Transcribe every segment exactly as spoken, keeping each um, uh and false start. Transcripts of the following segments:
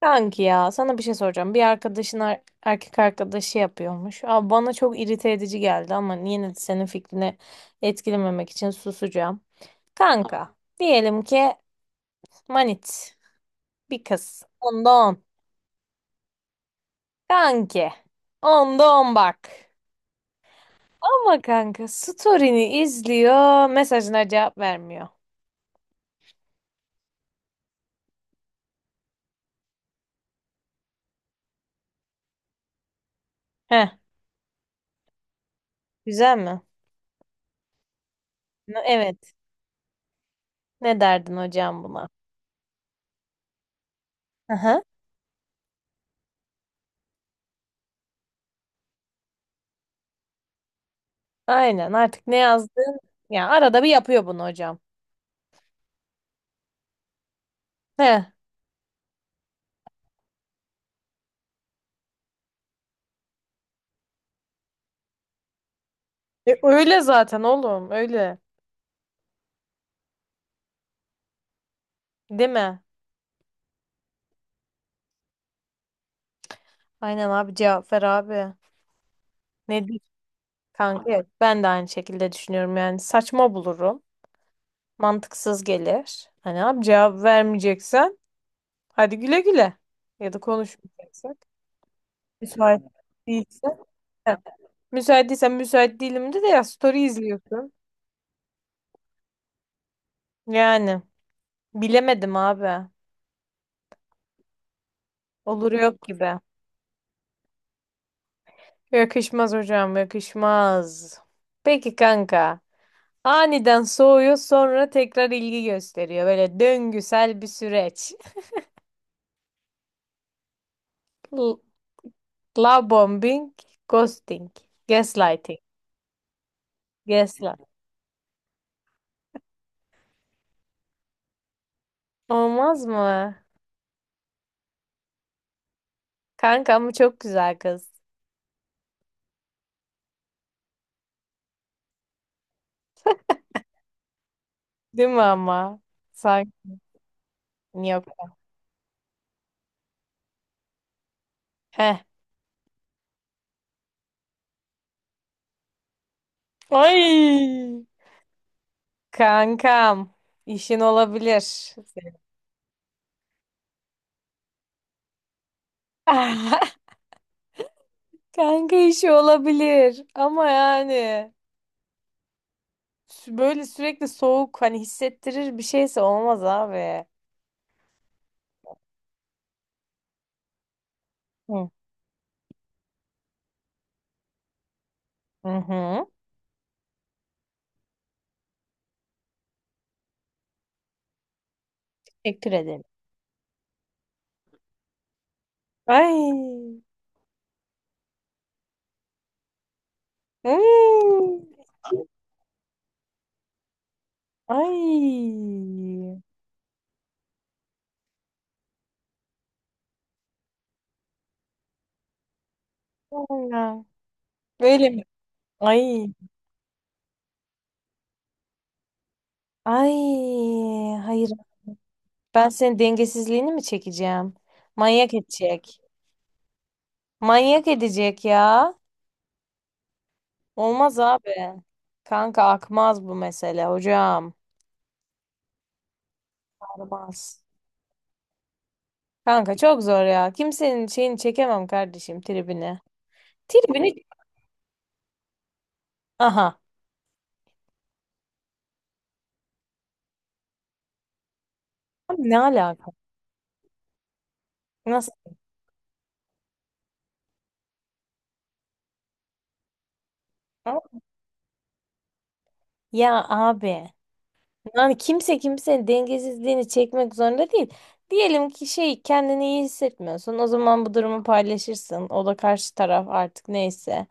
Kanki ya sana bir şey soracağım. Bir arkadaşın ar- erkek arkadaşı yapıyormuş. Abi bana çok irite edici geldi ama yine de senin fikrini etkilememek için susacağım. Kanka diyelim ki manit bir kız. Onda on. Kanki onda on bak. Ama kanka story'ni izliyor, mesajına cevap vermiyor. Heh, güzel mi? N- Evet, ne derdin hocam buna? Aha. Aynen, artık ne yazdın? Ya arada bir yapıyor bunu hocam. He. E, öyle zaten oğlum, öyle. Değil mi? Aynen abi, cevap ver abi. Nedir? Kanka evet, ben de aynı şekilde düşünüyorum, yani saçma bulurum. Mantıksız gelir. Hani abi, cevap vermeyeceksen hadi güle güle. Ya da konuşmayacaksak. Müsait değilse. Heh. Müsait değilsen müsait değilim de de, ya story izliyorsun. Yani bilemedim abi. Olur yok gibi. Yakışmaz hocam, yakışmaz. Peki kanka. Aniden soğuyor, sonra tekrar ilgi gösteriyor. Böyle döngüsel bir süreç. L- Love bombing, ghosting, gaslighting, gaslight. Olmaz mı? Kanka ama çok güzel kız. Değil mi ama? Sanki yok. Heh. Ay! Kankam, işin olabilir. Senin. Kanka işi olabilir ama yani sü- böyle sürekli soğuk hani hissettirir bir şeyse olmaz abi. Hı. Hı hı. Teşekkür ederim. Ay. Hmm. Ay. Vallahi. Böyle mi? Ay. Ay. Hayır. Ben senin dengesizliğini mi çekeceğim? Manyak edecek. Manyak edecek ya. Olmaz abi. Kanka akmaz bu mesele hocam. Akmaz. Kanka çok zor ya. Kimsenin şeyini çekemem kardeşim, tribini. Tribini. Aha. Abi, ne alaka? Nasıl? Ya abi. Yani kimse kimsenin dengesizliğini çekmek zorunda değil. Diyelim ki şey, kendini iyi hissetmiyorsun. O zaman bu durumu paylaşırsın. O da karşı taraf artık neyse.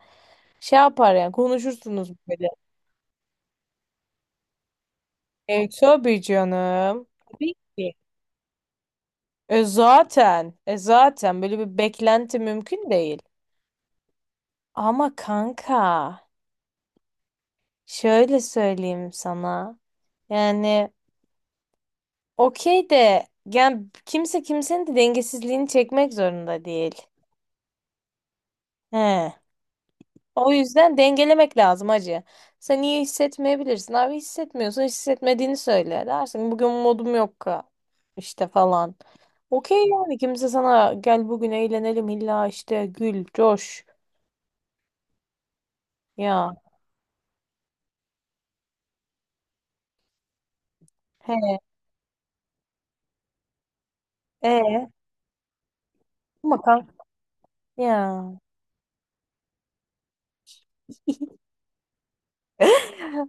Şey yapar, yani konuşursunuz böyle. E, tabii canım. Tabii ki. E zaten. E zaten böyle bir beklenti mümkün değil. Ama kanka şöyle söyleyeyim sana. Yani okey de, yani kimse kimsenin de dengesizliğini çekmek zorunda değil. He. O yüzden dengelemek lazım hacı. Sen iyi hissetmeyebilirsin abi, hissetmiyorsun, hissetmediğini söyle, dersin bugün modum yok ka- işte falan. Okey, yani kimse sana gel bugün eğlenelim illa işte gül coş ya, he, e ama kanka ya.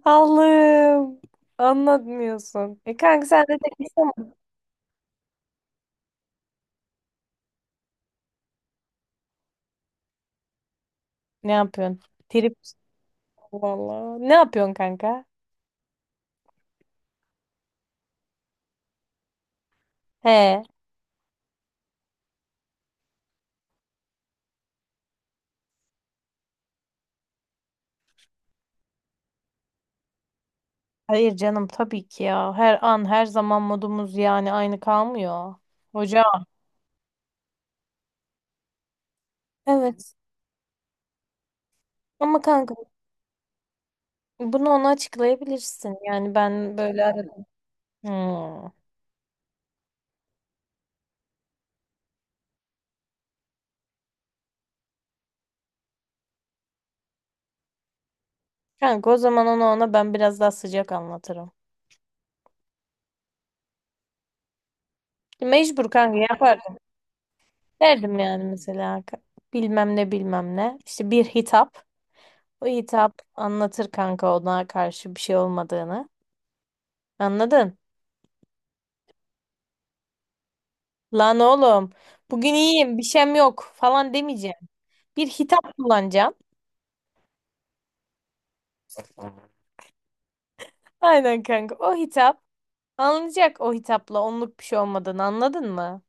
Allah'ım, anlatmıyorsun. E kanka, sen de tek insan mı? Ne yapıyorsun? Trip vallahi. Ne yapıyorsun kanka? He. Hayır canım, tabii ki ya. Her an her zaman modumuz yani aynı kalmıyor. Hocam. Evet. Ama kanka bunu ona açıklayabilirsin. Yani ben böyle aradım. Hmm. Kanka o zaman onu, ona ben biraz daha sıcak anlatırım. Mecbur kanka, yapardım. Derdim yani mesela ka- bilmem ne, bilmem ne. İşte bir hitap. O hitap anlatır kanka ona karşı bir şey olmadığını. Anladın? Lan oğlum, bugün iyiyim, bir şeyim yok falan demeyeceğim. Bir hitap kullanacaksın. Aynen kanka. O hitap anlayacak, o hitapla onluk bir şey olmadığını, anladın mı?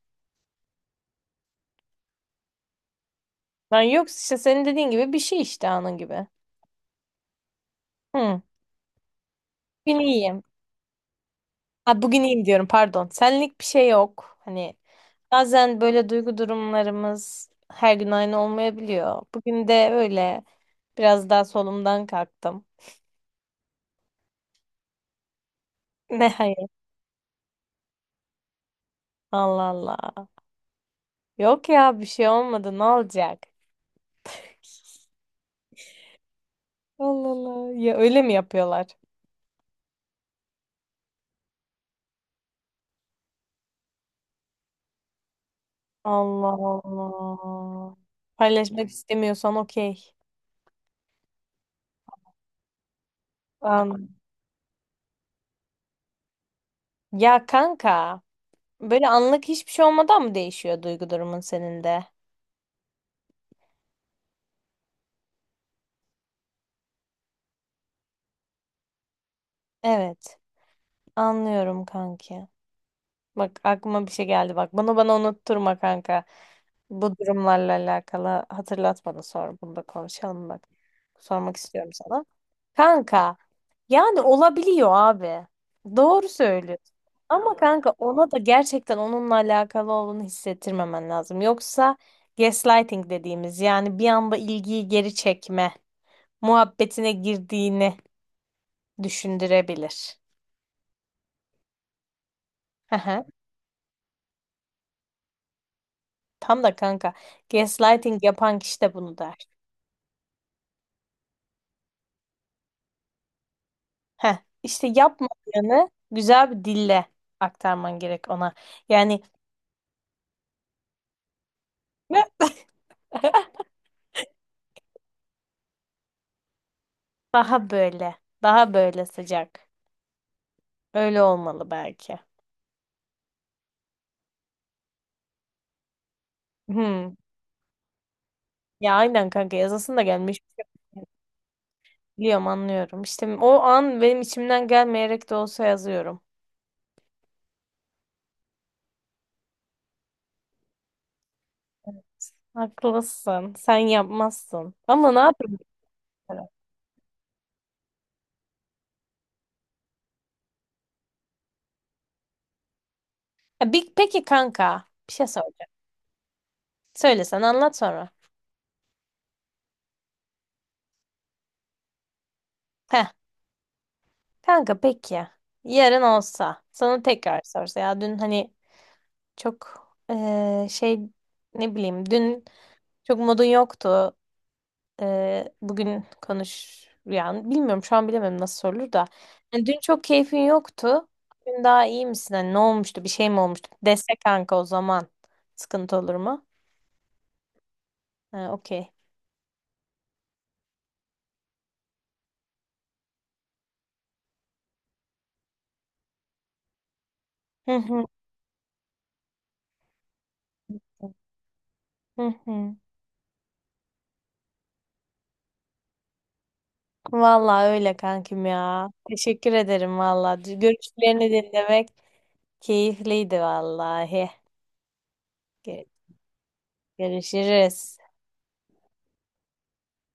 Lan, yoksa işte senin dediğin gibi bir şey, işte anın gibi. Hı. Bugün iyiyim. Ha, bugün iyiyim diyorum pardon. Senlik bir şey yok. Hani bazen böyle duygu durumlarımız her gün aynı olmayabiliyor. Bugün de öyle, biraz daha solumdan kalktım. Ne hayır. Allah Allah. Yok ya, bir şey olmadı, ne olacak? Allah Allah. Ya öyle mi yapıyorlar? Allah Allah. Paylaşmak istemiyorsan okey. An- ya kanka, böyle anlık hiçbir şey olmadan mı değişiyor duygu durumun senin de? Evet. Anlıyorum kanki. Bak, aklıma bir şey geldi bak. Bunu bana unutturma kanka. Bu durumlarla alakalı hatırlat bana, sonra bunu da konuşalım bak. Sormak istiyorum sana. Kanka yani olabiliyor abi. Doğru söylüyorsun. Ama kanka ona da gerçekten onunla alakalı olduğunu hissettirmemen lazım. Yoksa gaslighting dediğimiz, yani bir anda ilgiyi geri çekme muhabbetine girdiğini düşündürebilir. Hı hı. Tam da kanka gaslighting yapan kişi de bunu der. Heh, işte yapmadığını güzel bir dille aktarman gerek ona. Yani "Mö." Daha böyle, daha böyle sıcak. Öyle olmalı belki. Hmm. Ya aynen kanka, yazasın da gelmiş. Biliyorum, anlıyorum. İşte o an benim içimden gelmeyerek de olsa yazıyorum. Haklısın. Sen yapmazsın. Ama ne yapayım? Ha, bir- peki kanka, bir şey soracağım. Söyle, sen anlat sonra. Kanka peki yarın olsa sana tekrar sorsa, ya dün hani çok eee, şey, ne bileyim, dün çok modun yoktu, Eee, bugün konuş, yani bilmiyorum şu an, bilemem nasıl sorulur da hani dün çok keyfin yoktu, bugün daha iyi misin, hani ne olmuştu, bir şey mi olmuştu dese kanka, o zaman sıkıntı olur mu? Ha, okey. Hı hı. Hı hı. Vallahi öyle kankim ya. Teşekkür ederim vallahi. Görüşlerini dinlemek. Keyifliydi vallahi. Gö- Görüşürüz.